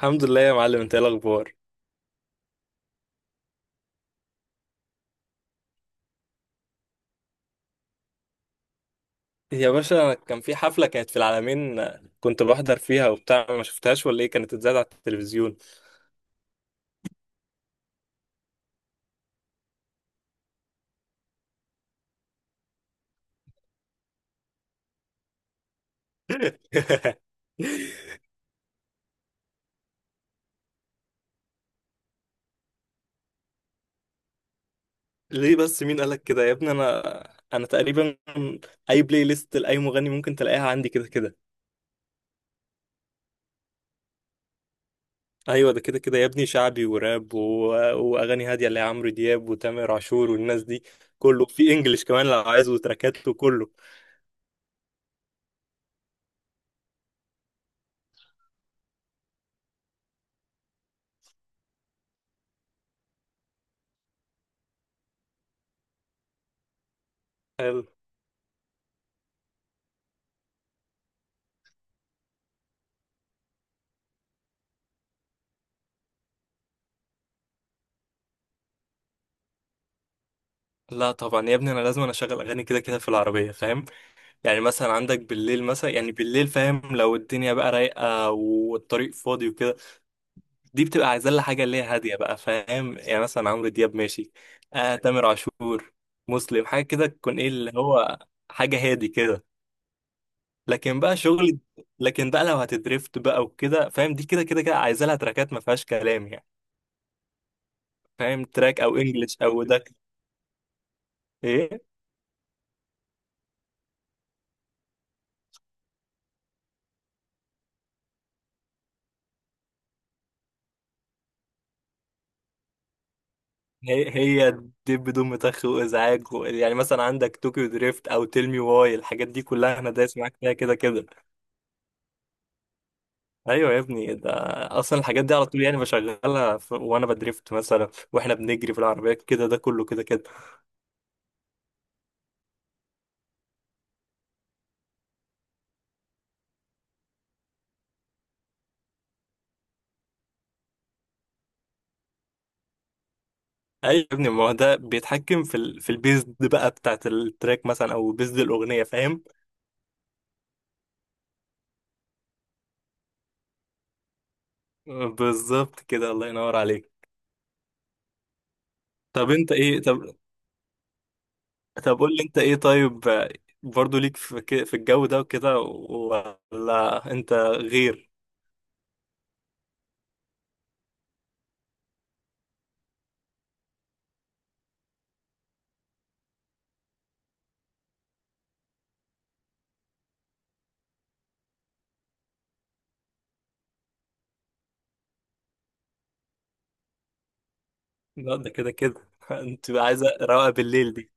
الحمد لله يا معلم، انت ايه الاخبار؟ يا باشا، كان في حفله كانت في العالمين. كنت بحضر فيها وبتاع. ما شفتهاش ولا ايه؟ كانت اتذاعت على التلفزيون؟ ليه بس؟ مين قالك كده يا ابني؟ انا انا تقريبا اي بلاي ليست لاي مغني ممكن تلاقيها عندي كده كده. ايوه، ده كده كده يا ابني، شعبي وراب واغاني هاديه اللي هي عمرو دياب وتامر عاشور والناس دي. كله في انجلش كمان لو عايز، وتراكات وكله. حلو. لا طبعا يا ابني، انا لازم انا اشغل اغاني كده كده في العربيه، فاهم؟ يعني مثلا عندك بالليل، مثلا يعني بالليل فاهم، لو الدنيا بقى رايقة والطريق فاضي وكده، دي بتبقى عايزة لها حاجة اللي هي هادية بقى، فاهم؟ يعني مثلا عمرو دياب ماشي، آه تامر عاشور، مسلم، حاجة كده تكون ايه اللي هو حاجة هادي كده. لكن بقى شغل لكن بقى لو هتدريفت بقى وكده فاهم، دي كده كده كده عايزة لها تراكات ما فيهاش كلام يعني، فاهم؟ تراك او انجلش او ده. ايه، هي دب بدون متخ وازعاج، يعني مثلا عندك طوكيو دريفت او تيل مي واي، الحاجات دي كلها انا دايس معاك فيها كده كده. ايوه يا ابني، ده اصلا الحاجات دي على طول يعني بشغلها وانا بدريفت مثلا، واحنا بنجري في العربيه كده، ده كله كده كده. ايوه يا ابني، ما هو ده بيتحكم في البيز دي بقى بتاعت التراك مثلا، او بيز دي الاغنيه، فاهم؟ بالظبط كده، الله ينور عليك. طب انت ايه؟ طب قول لي، انت ايه طيب؟ برضو ليك في الجو ده وكده، ولا انت غير؟ لا ده كده كده، انت عايزه روقه بالليل دي.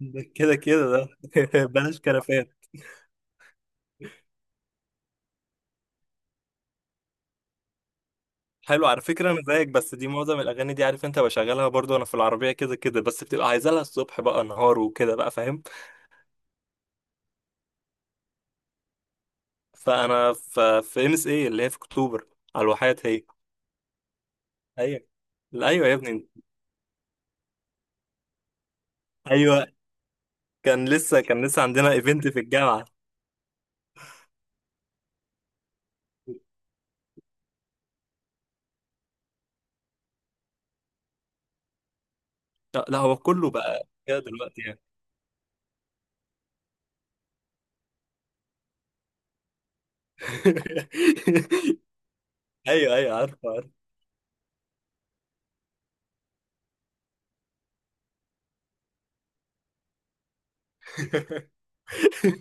ده كده كده ده. بلاش كرفان. حلو على فكره، انا زيك، بس دي معظم الاغاني دي عارف انت بشغلها برضو، انا في العربيه كده كده، بس بتبقى عايزه لها الصبح بقى، نهار وكده بقى، فاهم؟ فانا في ام اس اي اللي هي في اكتوبر على الواحات هي. ايوه. لا، ايوه يا ابني. ايوه، كان لسه عندنا ايفنت في الجامعه. لا لا، هو كله بقى كده دلوقتي يعني. ايوه ايوه عارف عارف.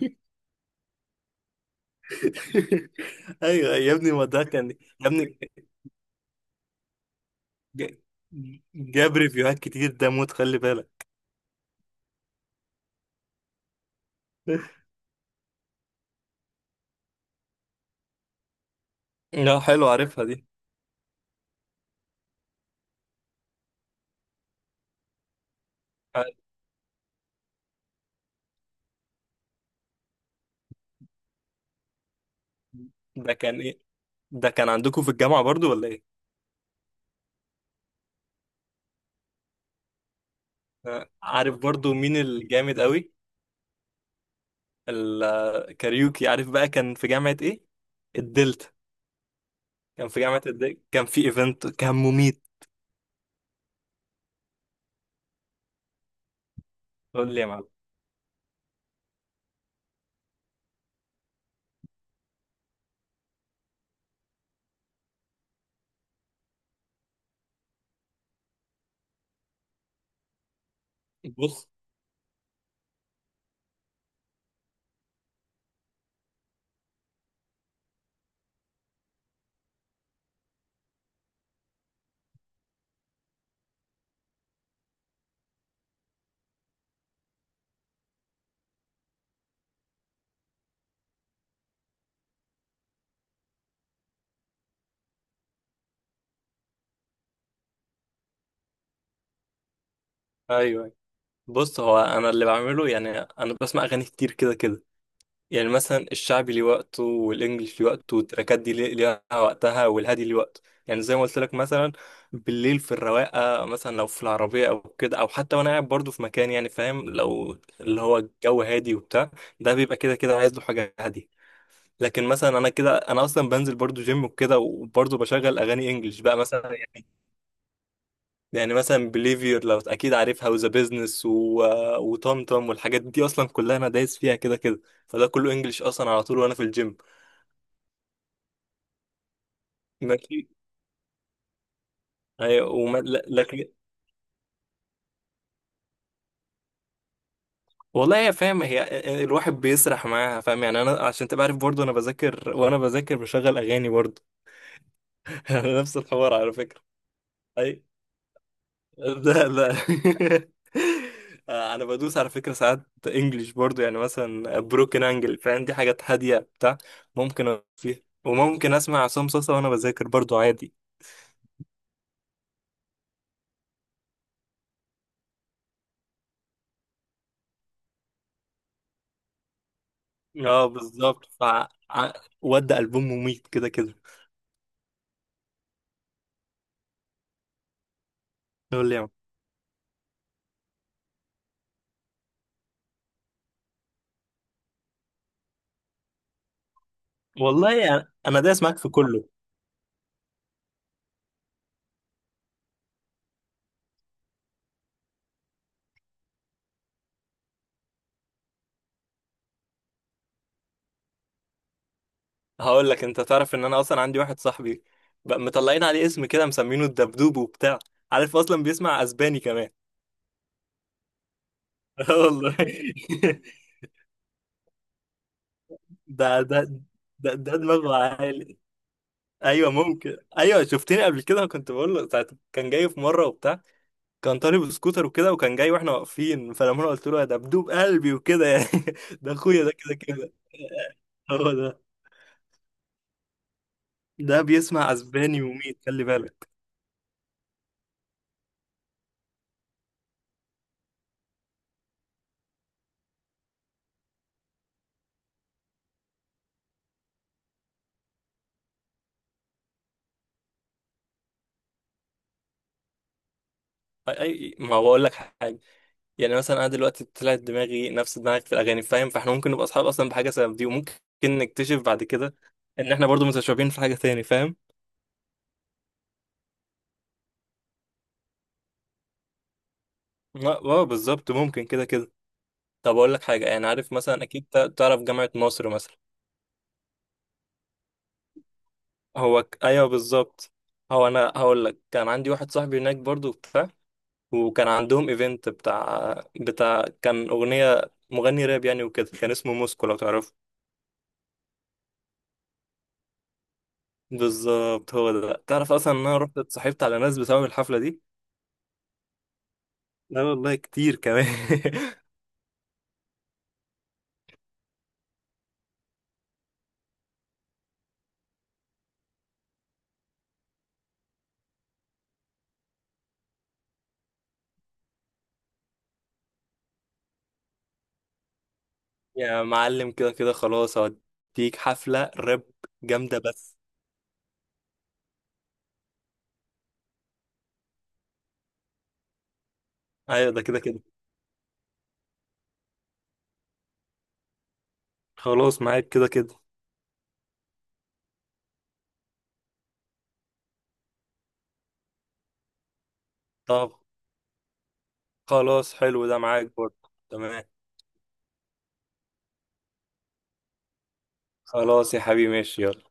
ايوه يا ابني، ما ده كان يا ابني. ج- جاب ريفيوهات كتير ده، موت خلي بالك. لا حلو، عارفها دي. ده كان ايه؟ ده كان عندكم في الجامعة برضو ولا ايه؟ آه، عارف برضو مين الجامد قوي؟ الكاريوكي، عارف بقى، كان في جامعة ايه، الدلتا. كان في جامعة الدلتا، كان في ايفنت كان مميت. قول لي يا معلم. بص، ايوه، بص هو انا اللي بعمله، يعني انا بسمع اغاني كتير كده كده. يعني مثلا الشعبي ليه وقته، والانجليش ليه وقته، والتراكات دي ليها وقتها، والهادي ليه وقته. يعني زي ما قلت لك مثلا بالليل في الرواقه، مثلا لو في العربيه او كده، او حتى وانا قاعد برضه في مكان، يعني فاهم، لو اللي هو الجو هادي وبتاع، ده بيبقى كده كده عايز له حاجه هاديه. لكن مثلا انا كده، انا اصلا بنزل برضه جيم وكده، وبرضه بشغل اغاني انجليش بقى مثلا يعني. يعني مثلا بليفير لو اكيد عارفها، وذا بيزنس وطمطم والحاجات دي اصلا كلها انا دايس فيها كده كده. فده كله انجليش اصلا على طول وانا في الجيم. ماشي. هي وما... لا- لكن والله هي فاهم، هي الواحد بيسرح معاها، فاهم يعني، انا عشان تبقى عارف برضه، انا بذاكر، وانا بذاكر بشغل اغاني برضه. نفس الحوار على فكرة. أي- لا لا. آه، انا بدوس على فكره ساعات انجليش برضو، يعني مثلا بروكن انجل، فاهم؟ دي حاجات هاديه بتاع، ممكن أقف فيها، وممكن اسمع عصام صاصا وانا بذاكر برضو عادي. اه بالظبط، ع- ودي البوم مميت كده كده. يقول لي يا عم. والله يعني انا دايس معاك في كله. هقول لك، انت تعرف ان انا اصلا عندي واحد صاحبي، بقى مطلعين عليه اسم كده مسمينه الدبدوب وبتاع، عارف اصلا بيسمع اسباني كمان. آه والله. ده ده ده دماغه عالي. ايوه، ممكن، ايوه شفتني قبل كده كنت بقول له ساعة. كان جاي في مره وبتاع، كان طالب سكوتر وكده، وكان جاي واحنا واقفين، فلما انا قلت له ده بدوب قلبي وكده يعني. ده اخويا ده كده كده. هو ده، ده بيسمع اسباني وميت، خلي بالك. ما هو بقول لك حاجه. يعني مثلا انا دلوقتي طلعت دماغي نفس دماغك في الاغاني، فاهم؟ فاحنا ممكن نبقى اصحاب اصلا بحاجه سبب دي، وممكن نكتشف بعد كده ان احنا برضو متشابهين في حاجه تاني، فاهم؟ اه آه، بالظبط، ممكن كده كده. طب اقول لك حاجه، يعني عارف مثلا، اكيد تعرف جامعه مصر مثلا. ايوه بالظبط. هو انا هقول لك، كان عندي واحد صاحبي هناك برضو بتاع، وكان عندهم ايفنت بتاع كان اغنيه مغني راب يعني وكده، كان اسمه موسكو لو تعرفه. بالظبط هو ده، تعرف اصلا ان انا رحت اتصاحبت على ناس بسبب الحفله دي. لا والله كتير كمان. يا معلم، كده كده خلاص هوديك حفله راب جامده بس. ايوه ده كده كده، خلاص معاك كده كده. طب خلاص حلو، ده معاك برضه تمام. خلاص يا حبيبي، ماشي، يلا.